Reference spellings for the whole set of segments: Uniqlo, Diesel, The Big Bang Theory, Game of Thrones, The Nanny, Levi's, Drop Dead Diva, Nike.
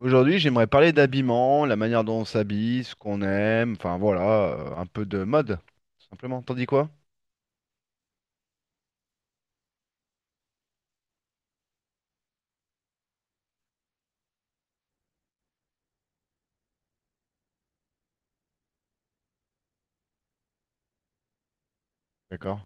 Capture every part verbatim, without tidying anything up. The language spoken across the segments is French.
Aujourd'hui, j'aimerais parler d'habillement, la manière dont on s'habille, ce qu'on aime, enfin voilà, euh, un peu de mode, tout simplement. T'en dis quoi? D'accord.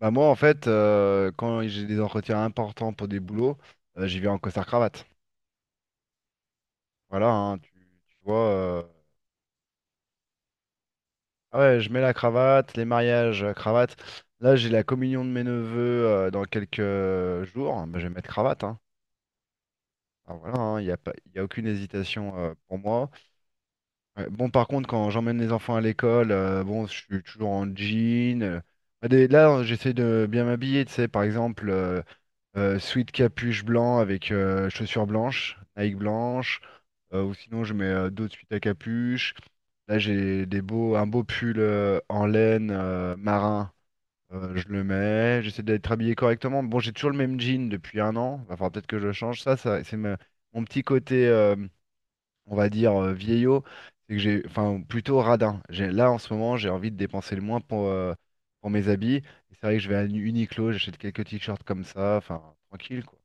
Bah moi, en fait, euh, quand j'ai des entretiens importants pour des boulots, euh, j'y vais en costard-cravate. Voilà, hein, tu, tu vois. euh, Ah ouais, je mets la cravate, les mariages, euh, cravate. Là, j'ai la communion de mes neveux euh, dans quelques jours. Bah, je vais mettre cravate, hein. Ah, voilà, hein, il n'y a pas, il y a aucune hésitation euh, pour moi. Ouais. Bon, par contre, quand j'emmène les enfants à l'école, euh, bon, je suis toujours en jean. Euh, ah, des- là, hein, j'essaie de bien m'habiller, tu sais, par exemple, euh, euh, sweat capuche blanc avec euh, chaussures blanches, Nike blanche, euh, ou sinon je mets euh, d'autres sweats à capuche. Là, j'ai des beaux, un beau pull euh, en laine euh, marin, euh, je le mets. J'essaie d'être habillé correctement. Bon, j'ai toujours le même jean depuis un an. Va falloir peut-être que je le change. Ça, ça, c'est ma- mon petit côté. Euh, on va dire, euh, vieillot, c'est que j'ai, enfin, plutôt radin. J'ai, là, en ce moment, j'ai envie de dépenser le moins pour, euh, pour mes habits. Et c'est vrai que je vais à Uniqlo, j'achète quelques t-shirts comme ça, enfin, tranquille, quoi.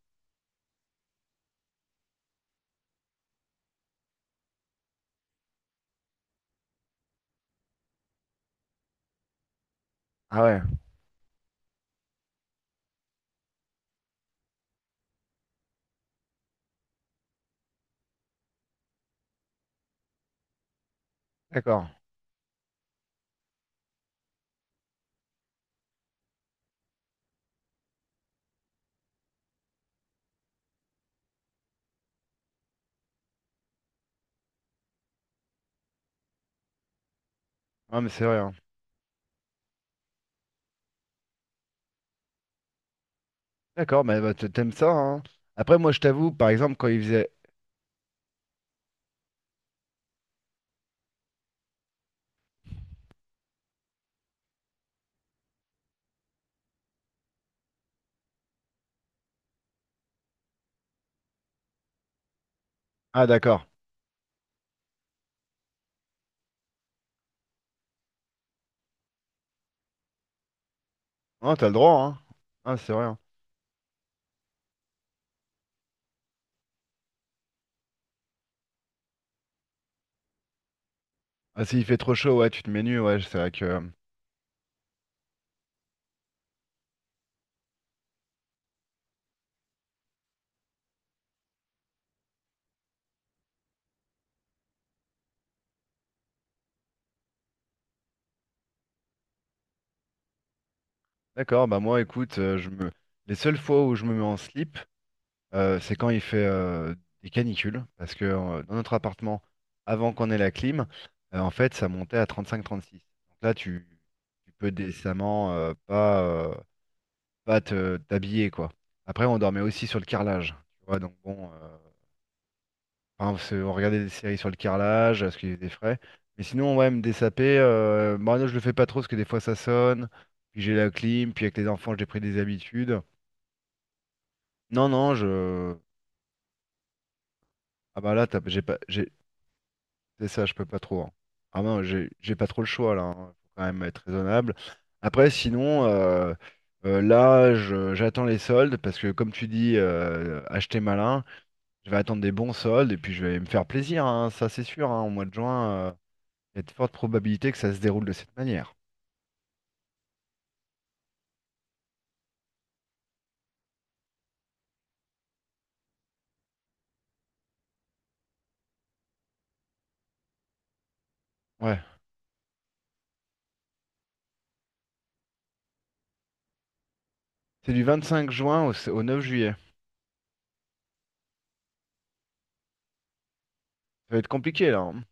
Ah ouais, d'accord. Ah, mais c'est vrai, hein. D'accord, mais bah, t- t'aimes ça, hein. Après, moi, je t'avoue, par exemple, quand il faisait... Ah, d'accord. Non, t'as le droit, hein. Ah, c'est vrai, hein. Ah, s'il fait trop chaud, ouais, tu te mets nu, ouais, c'est vrai que... D'accord, bah moi, écoute, euh, je me... Les seules fois où je me mets en slip, euh, c'est quand il fait euh, des canicules, parce que euh, dans notre appartement, avant qu'on ait la clim, euh, en fait, ça montait à trente-cinq à trente-six. Donc là, tu, tu peux décemment euh, pas, euh, pas te t'habiller, quoi. Après, on dormait aussi sur le carrelage, tu vois, donc bon, euh, enfin, on se- on regardait des séries sur le carrelage, parce qu'il faisait frais. Mais sinon, ouais, me dessaper, euh, moi, non, je le fais pas trop, parce que des fois, ça sonne, puis j'ai la clim, puis avec les enfants, j'ai pris des habitudes. Non, non, je... Ah bah là, t'as- j'ai pas, j'ai- c'est ça, je peux pas trop. Hein. Ah non, j'ai j'ai pas trop le choix là. Hein. Faut quand même être raisonnable. Après, sinon, euh, euh, là, je- j'attends les soldes parce que comme tu dis, euh, acheter malin, je vais attendre des bons soldes et puis je vais me faire plaisir. Hein, ça, c'est sûr. Hein. Au mois de juin, euh, il y a de fortes probabilités que ça se déroule de cette manière. Ouais. C'est du vingt-cinq juin au, s- au neuf juillet. Ça va être compliqué là. Hein.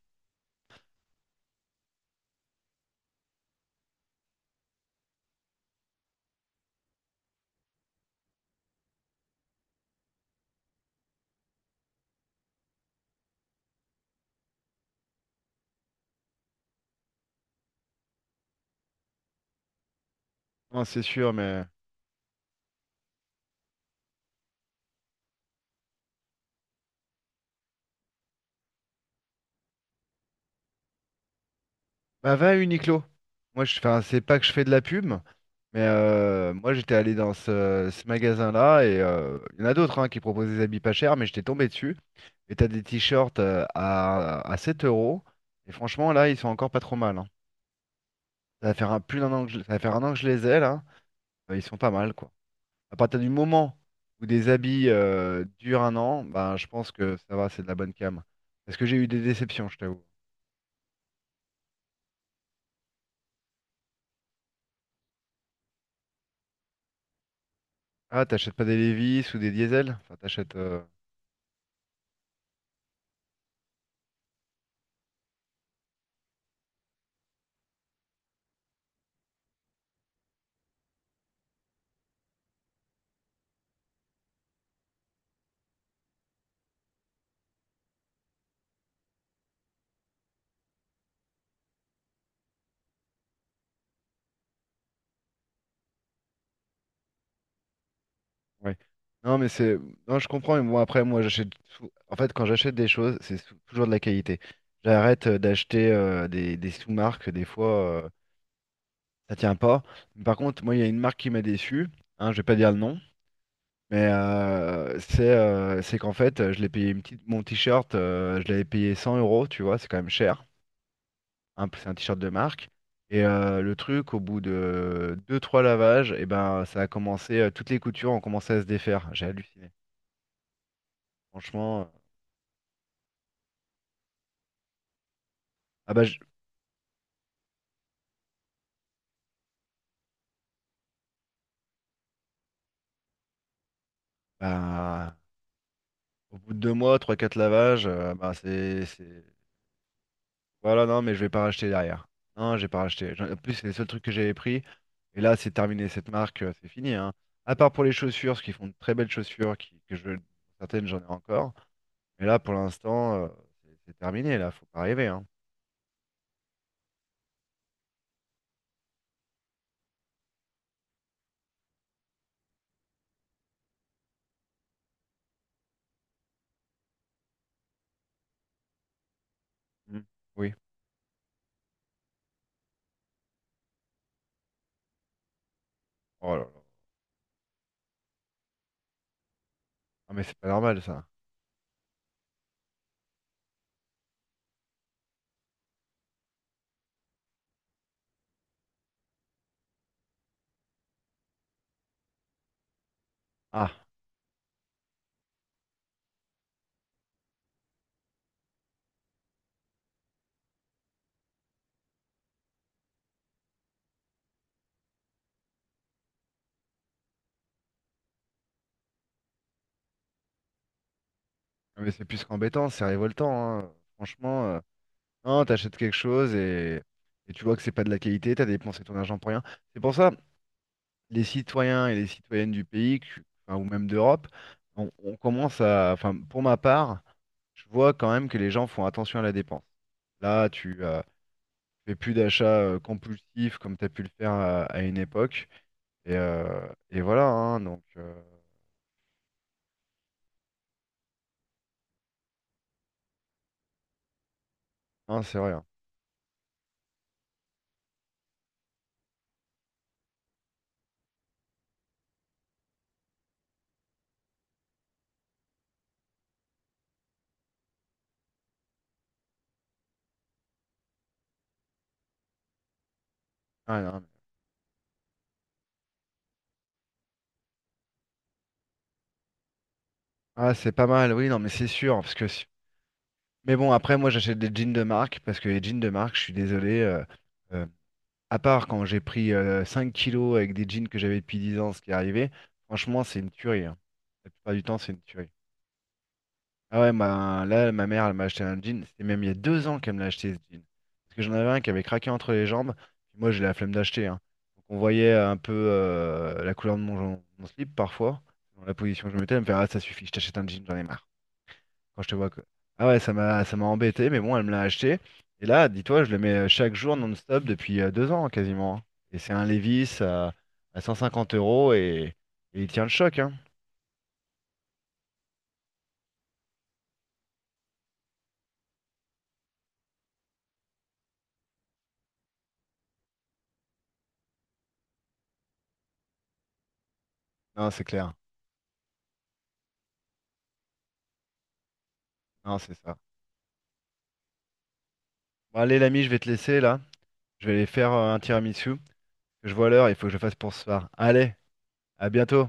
Non, c'est sûr, mais bah, va à Uniqlo. Moi je, enfin, c'est pas que je fais de la pub, mais euh, moi j'étais allé dans ce, ce magasin-là et euh, il y en a d'autres hein, qui proposent des habits pas chers, mais j'étais tombé dessus. Et t'as des t-shirts euh, à, à sept euros. Et franchement là ils sont encore pas trop mal. Hein. Ça va faire un, plus d'un an que je, ça va faire un an que je les ai là. Euh, ils sont pas mal quoi. À partir du moment où des habits euh, durent un an, ben je pense que ça va, c'est de la bonne cam. Parce que j'ai eu des déceptions, je t'avoue. Ah, t'achètes pas des Levi's ou des Diesel? Enfin, t'achètes. euh, Ouais. Non, mais c'est. Non, je comprends. Mais moi, après, moi, j'achète. sou- En fait, quand j'achète des choses, c'est sou- toujours de la qualité. J'arrête euh, d'acheter euh, des, des sous-marques. Des fois, euh, ça tient pas. Mais par contre, moi, il y a une marque qui m'a déçu. Hein, je vais pas dire le nom. Mais euh, c'est euh, c'est qu'en fait, euh, je l'ai payé une petite... mon t-shirt. Euh, je l'avais payé cent euros. Tu vois, c'est quand même cher. Hein, c'est un t-shirt de marque. Et euh, le truc, au bout de deux trois lavages, et ben, ça a commencé. Euh, toutes les coutures ont commencé à se défaire. J'ai halluciné. Franchement. Ah bah, je- bah, au bout de deux mois, trois, quatre lavages, euh, bah c'est, c'est- Voilà, non, mais je vais pas racheter derrière. Non, j'ai pas racheté. J'en- En plus, c'est les seuls trucs que j'avais pris. Et là, c'est terminé cette marque, euh, c'est fini, hein. À part pour les chaussures, parce qu'ils font de très belles chaussures, qui, que je... certaines j'en ai encore. Mais là, pour l'instant, euh, c'est c'est terminé, là, faut pas rêver, hein. Mm. Oui. Oh là là. Ah mais c'est pas normal ça. Ah, ah, mais c'est plus qu'embêtant, c'est révoltant, hein. Franchement. euh, Non, t'achètes quelque chose et, et tu vois que c'est pas de la qualité, t'as dépensé ton argent pour rien. C'est pour ça, les citoyens et les citoyennes du pays, que- enfin, ou même d'Europe, on, on commence à, enfin, pour ma part, je vois quand même que les gens font attention à la dépense. Là, tu euh, fais plus d'achats euh, compulsifs comme t'as pu le faire à, à une époque, et, euh, et voilà, hein, donc, euh, hein, c'est vrai. Hein. Ah, non, mais- ah, c'est pas mal, oui, non, mais c'est sûr, parce que, si... mais bon, après, moi, j'achète des jeans de marque parce que les jeans de marque, je suis désolé. euh, euh, À part quand j'ai pris euh, 5 kilos avec des jeans que j'avais depuis dix ans, ce qui est arrivé, franchement, c'est une tuerie. Hein. La plupart du temps, c'est une tuerie. Ah ouais, ma- là, ma mère, elle m'a acheté un jean. C'était même il y a deux ans qu'elle me l'a acheté, ce jean. Parce que j'en avais un qui avait craqué entre les jambes. Puis moi, j'ai la flemme d'acheter. Hein. Donc on voyait un peu euh, la couleur de mon, mon slip parfois. Dans la position que je mettais, elle me fait, ah, ça suffit, je t'achète un jean, j'en ai marre quand je te vois que... Ah ouais, ça m'a ça m'a embêté, mais bon, elle me l'a acheté. Et là, dis-toi, je le mets euh, chaque jour non-stop depuis euh, deux ans quasiment. Hein. Et c'est un Levi's à, à cent cinquante euros et, et il tient le choc, hein. Non, c'est clair. Non, c'est ça. Bon, allez, l'ami, je vais te laisser là. Je vais aller faire euh, un tiramisu. Je vois l'heure, il faut que je le fasse pour ce soir. Allez, à bientôt.